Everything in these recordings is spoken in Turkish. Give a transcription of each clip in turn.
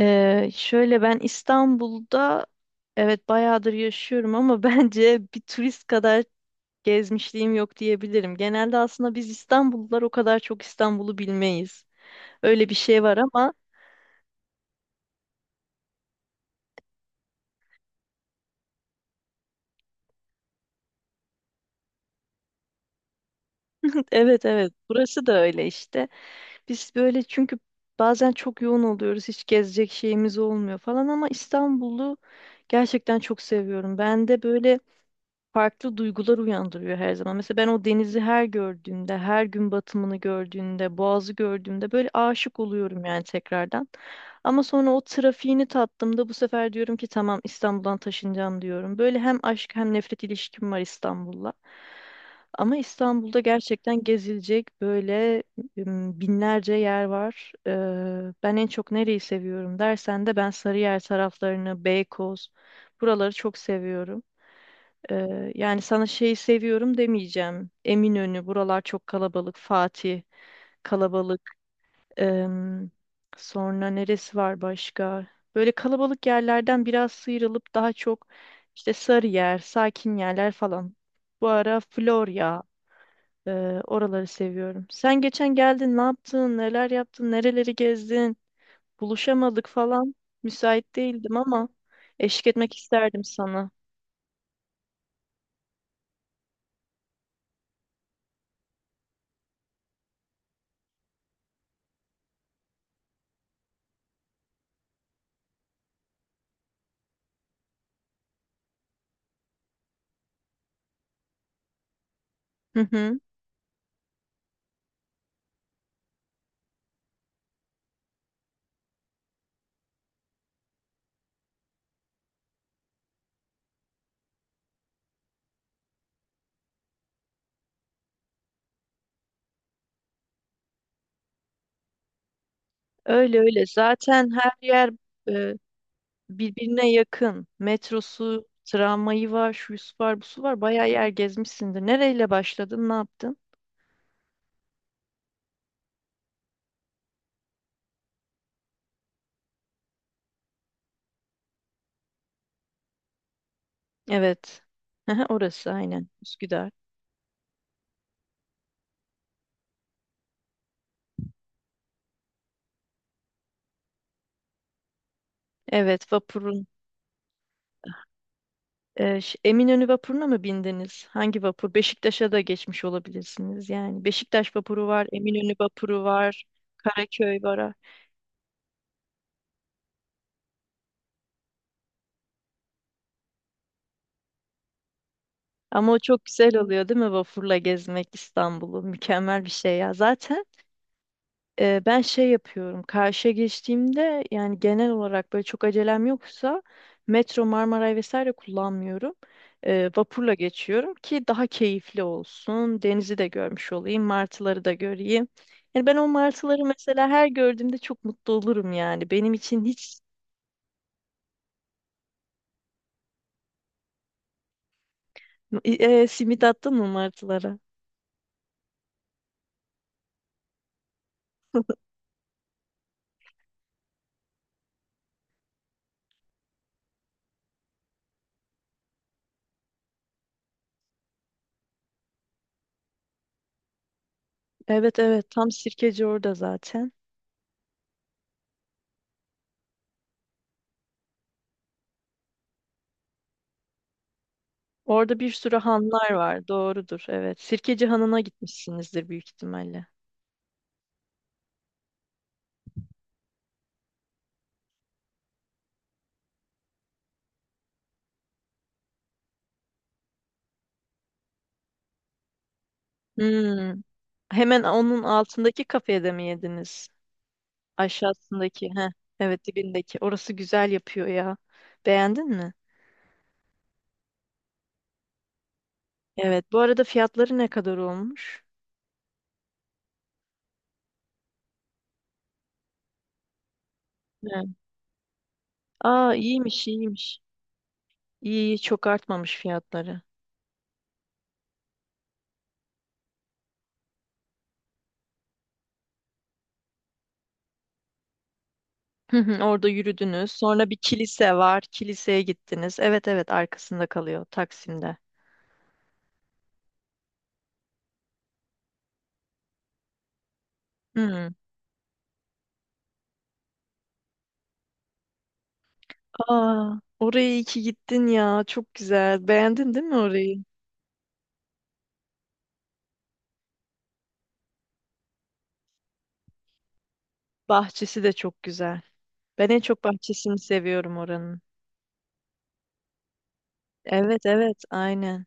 Şöyle ben İstanbul'da evet bayağıdır yaşıyorum ama bence bir turist kadar gezmişliğim yok diyebilirim. Genelde aslında biz İstanbullular o kadar çok İstanbul'u bilmeyiz. Öyle bir şey var ama evet evet burası da öyle işte. Biz böyle çünkü bazen çok yoğun oluyoruz hiç gezecek şeyimiz olmuyor falan ama İstanbul'u gerçekten çok seviyorum. Ben de böyle farklı duygular uyandırıyor her zaman. Mesela ben o denizi her gördüğümde, her gün batımını gördüğümde, boğazı gördüğümde böyle aşık oluyorum yani tekrardan. Ama sonra o trafiğini tattığımda bu sefer diyorum ki tamam İstanbul'dan taşınacağım diyorum. Böyle hem aşk hem nefret ilişkim var İstanbul'la. Ama İstanbul'da gerçekten gezilecek böyle binlerce yer var. Ben en çok nereyi seviyorum dersen de ben Sarıyer taraflarını, Beykoz buraları çok seviyorum. Yani sana şeyi seviyorum demeyeceğim. Eminönü, buralar çok kalabalık. Fatih, kalabalık. Em, Sonra neresi var başka? Böyle kalabalık yerlerden biraz sıyrılıp daha çok işte Sarıyer, sakin yerler falan. Bu ara Florya, e, oraları seviyorum. Sen geçen geldin, ne yaptın, neler yaptın, nereleri gezdin? Buluşamadık falan. Müsait değildim ama eşlik etmek isterdim sana. Hı hı. Öyle öyle. Zaten her yer e, birbirine yakın. Metrosu, tramvayı var, şusu var, busu var. Bayağı yer gezmişsindir. Nereyle başladın, ne yaptın? Evet. Hı hı, orası aynen. Üsküdar. Evet, vapurun. Eminönü vapuruna mı bindiniz? Hangi vapur? Beşiktaş'a da geçmiş olabilirsiniz. Yani Beşiktaş vapuru var, Eminönü vapuru var, Karaköy var. Ama o çok güzel oluyor değil mi vapurla gezmek İstanbul'u? Mükemmel bir şey ya. Zaten ben şey yapıyorum. Karşıya geçtiğimde yani genel olarak böyle çok acelem yoksa metro, Marmaray vesaire kullanmıyorum. Vapurla geçiyorum ki daha keyifli olsun. Denizi de görmüş olayım, martıları da göreyim. Yani ben o martıları mesela her gördüğümde çok mutlu olurum yani. Benim için hiç simit attın mı martılara? Evet evet tam Sirkeci orada zaten. Orada bir sürü hanlar var. Doğrudur. Evet. Sirkeci Hanı'na gitmişsinizdir büyük ihtimalle. Hmm. Hemen onun altındaki kafede mi yediniz? Aşağısındaki. Heh, evet dibindeki. Orası güzel yapıyor ya. Beğendin mi? Evet. Bu arada fiyatları ne kadar olmuş? Evet. Aa iyiymiş iyiymiş. İyi iyi çok artmamış fiyatları. Hı hı, orada yürüdünüz. Sonra bir kilise var. Kiliseye gittiniz. Evet evet arkasında kalıyor Taksim'de. Hı. Aa, oraya iyi ki gittin ya. Çok güzel. Beğendin değil mi orayı? Bahçesi de çok güzel. Ben en çok bahçesini seviyorum oranın. Evet evet aynen.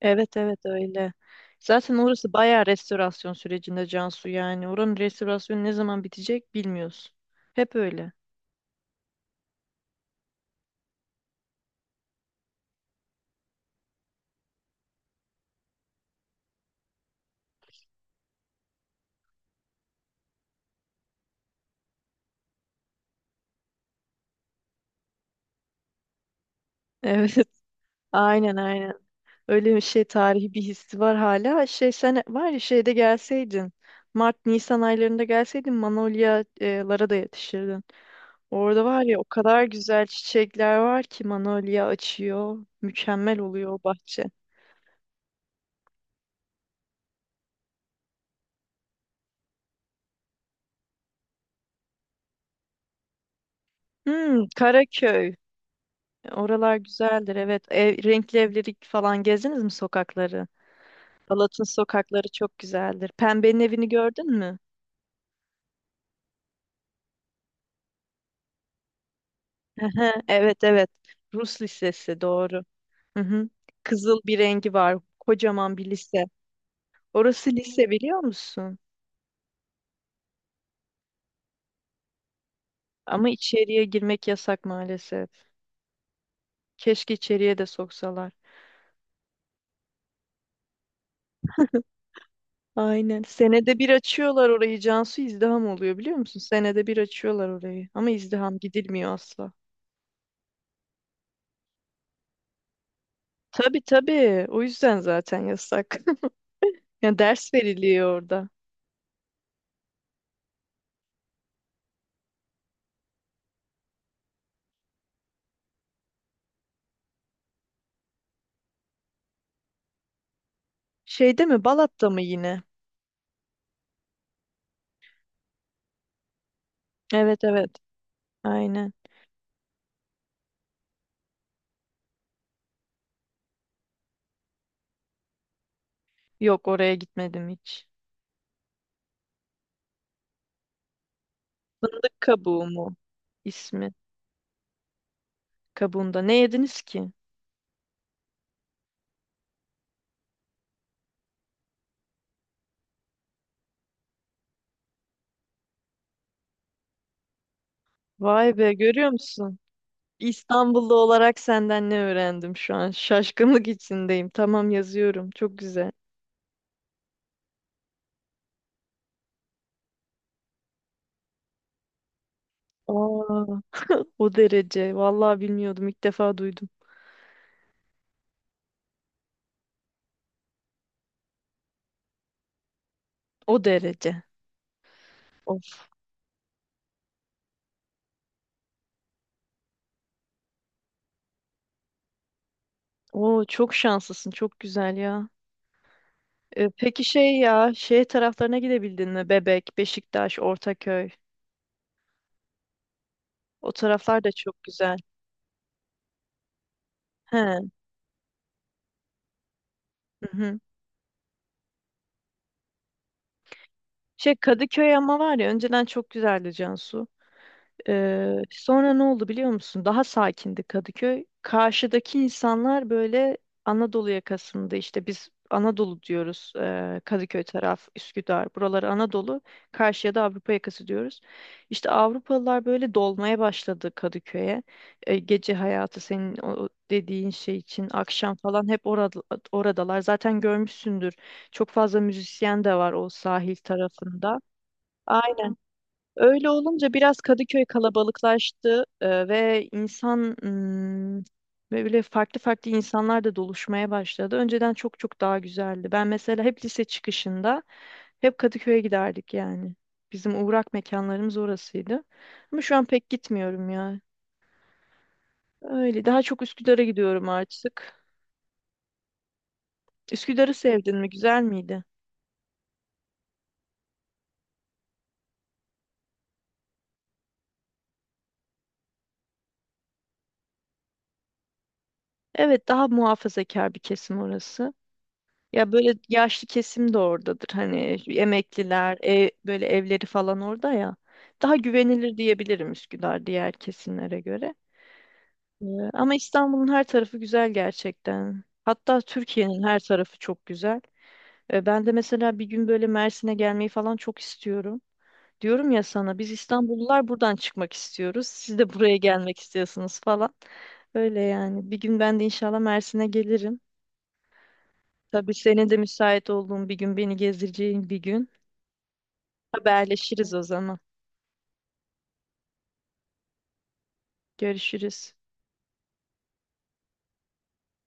Evet evet öyle. Zaten orası bayağı restorasyon sürecinde Cansu yani. Oranın restorasyonu ne zaman bitecek bilmiyorsun. Hep öyle. Evet. Aynen aynen. Öyle bir şey tarihi bir hissi var hala. Şey sen var ya şeyde gelseydin. Mart Nisan aylarında gelseydin manolyalara da yetişirdin. Orada var ya o kadar güzel çiçekler var ki manolya açıyor. Mükemmel oluyor o bahçe. Hmm, Karaköy. Oralar güzeldir evet. Ev, renkli evleri falan gezdiniz mi sokakları? Balat'ın sokakları çok güzeldir. Pembenin evini gördün mü? Ehe, evet evet. Rus lisesi doğru. Hı hı. Kızıl bir rengi var. Kocaman bir lise. Orası lise biliyor musun? Ama içeriye girmek yasak maalesef. Keşke içeriye de soksalar. Aynen. Senede bir açıyorlar orayı. Cansu izdiham oluyor biliyor musun? Senede bir açıyorlar orayı. Ama izdiham gidilmiyor asla. Tabii tabii. O yüzden zaten yasak. Ya ders veriliyor orada. Şeyde mi? Balat'ta mı yine? Evet evet. Aynen. Yok oraya gitmedim hiç. Fındık kabuğu mu ismi? Kabuğunda. Ne yediniz ki? Vay be görüyor musun? İstanbullu olarak senden ne öğrendim şu an? Şaşkınlık içindeyim. Tamam yazıyorum. Çok güzel. Aa, o derece. Vallahi bilmiyordum. İlk defa duydum. O derece. Of. Oo, çok şanslısın. Çok güzel ya. E, peki şey ya, şey taraflarına gidebildin mi? Bebek, Beşiktaş, Ortaköy. O taraflar da çok güzel. He. Hı hı. Şey Kadıköy ama var ya önceden çok güzeldi Cansu. Sonra ne oldu biliyor musun? Daha sakindi Kadıköy. Karşıdaki insanlar böyle Anadolu yakasında işte biz Anadolu diyoruz. Kadıköy taraf, Üsküdar, buraları Anadolu. Karşıya da Avrupa yakası diyoruz. İşte Avrupalılar böyle dolmaya başladı Kadıköy'e. Gece hayatı senin o dediğin şey için akşam falan hep orada, oradalar. Zaten görmüşsündür. Çok fazla müzisyen de var o sahil tarafında. Öyle olunca biraz Kadıköy kalabalıklaştı ve insan böyle farklı farklı insanlar da doluşmaya başladı. Önceden çok çok daha güzeldi. Ben mesela hep lise çıkışında hep Kadıköy'e giderdik yani. Bizim uğrak mekanlarımız orasıydı. Ama şu an pek gitmiyorum ya. Öyle daha çok Üsküdar'a gidiyorum artık. Üsküdar'ı sevdin mi? Güzel miydi? Evet, daha muhafazakar bir kesim orası. Ya böyle yaşlı kesim de oradadır. Hani emekliler, ev- böyle evleri falan orada ya. Daha güvenilir diyebilirim Üsküdar diğer kesimlere göre. Ee, Ama İstanbul'un her tarafı güzel gerçekten. Hatta Türkiye'nin her tarafı çok güzel. Ben de mesela bir gün böyle Mersin'e gelmeyi falan çok istiyorum. Diyorum ya sana biz İstanbullular buradan çıkmak istiyoruz. Siz de buraya gelmek istiyorsunuz falan. Öyle yani. Bir gün ben de inşallah Mersin'e gelirim. Tabii senin de müsait olduğun bir gün beni gezdireceğin bir gün haberleşiriz o zaman. Görüşürüz.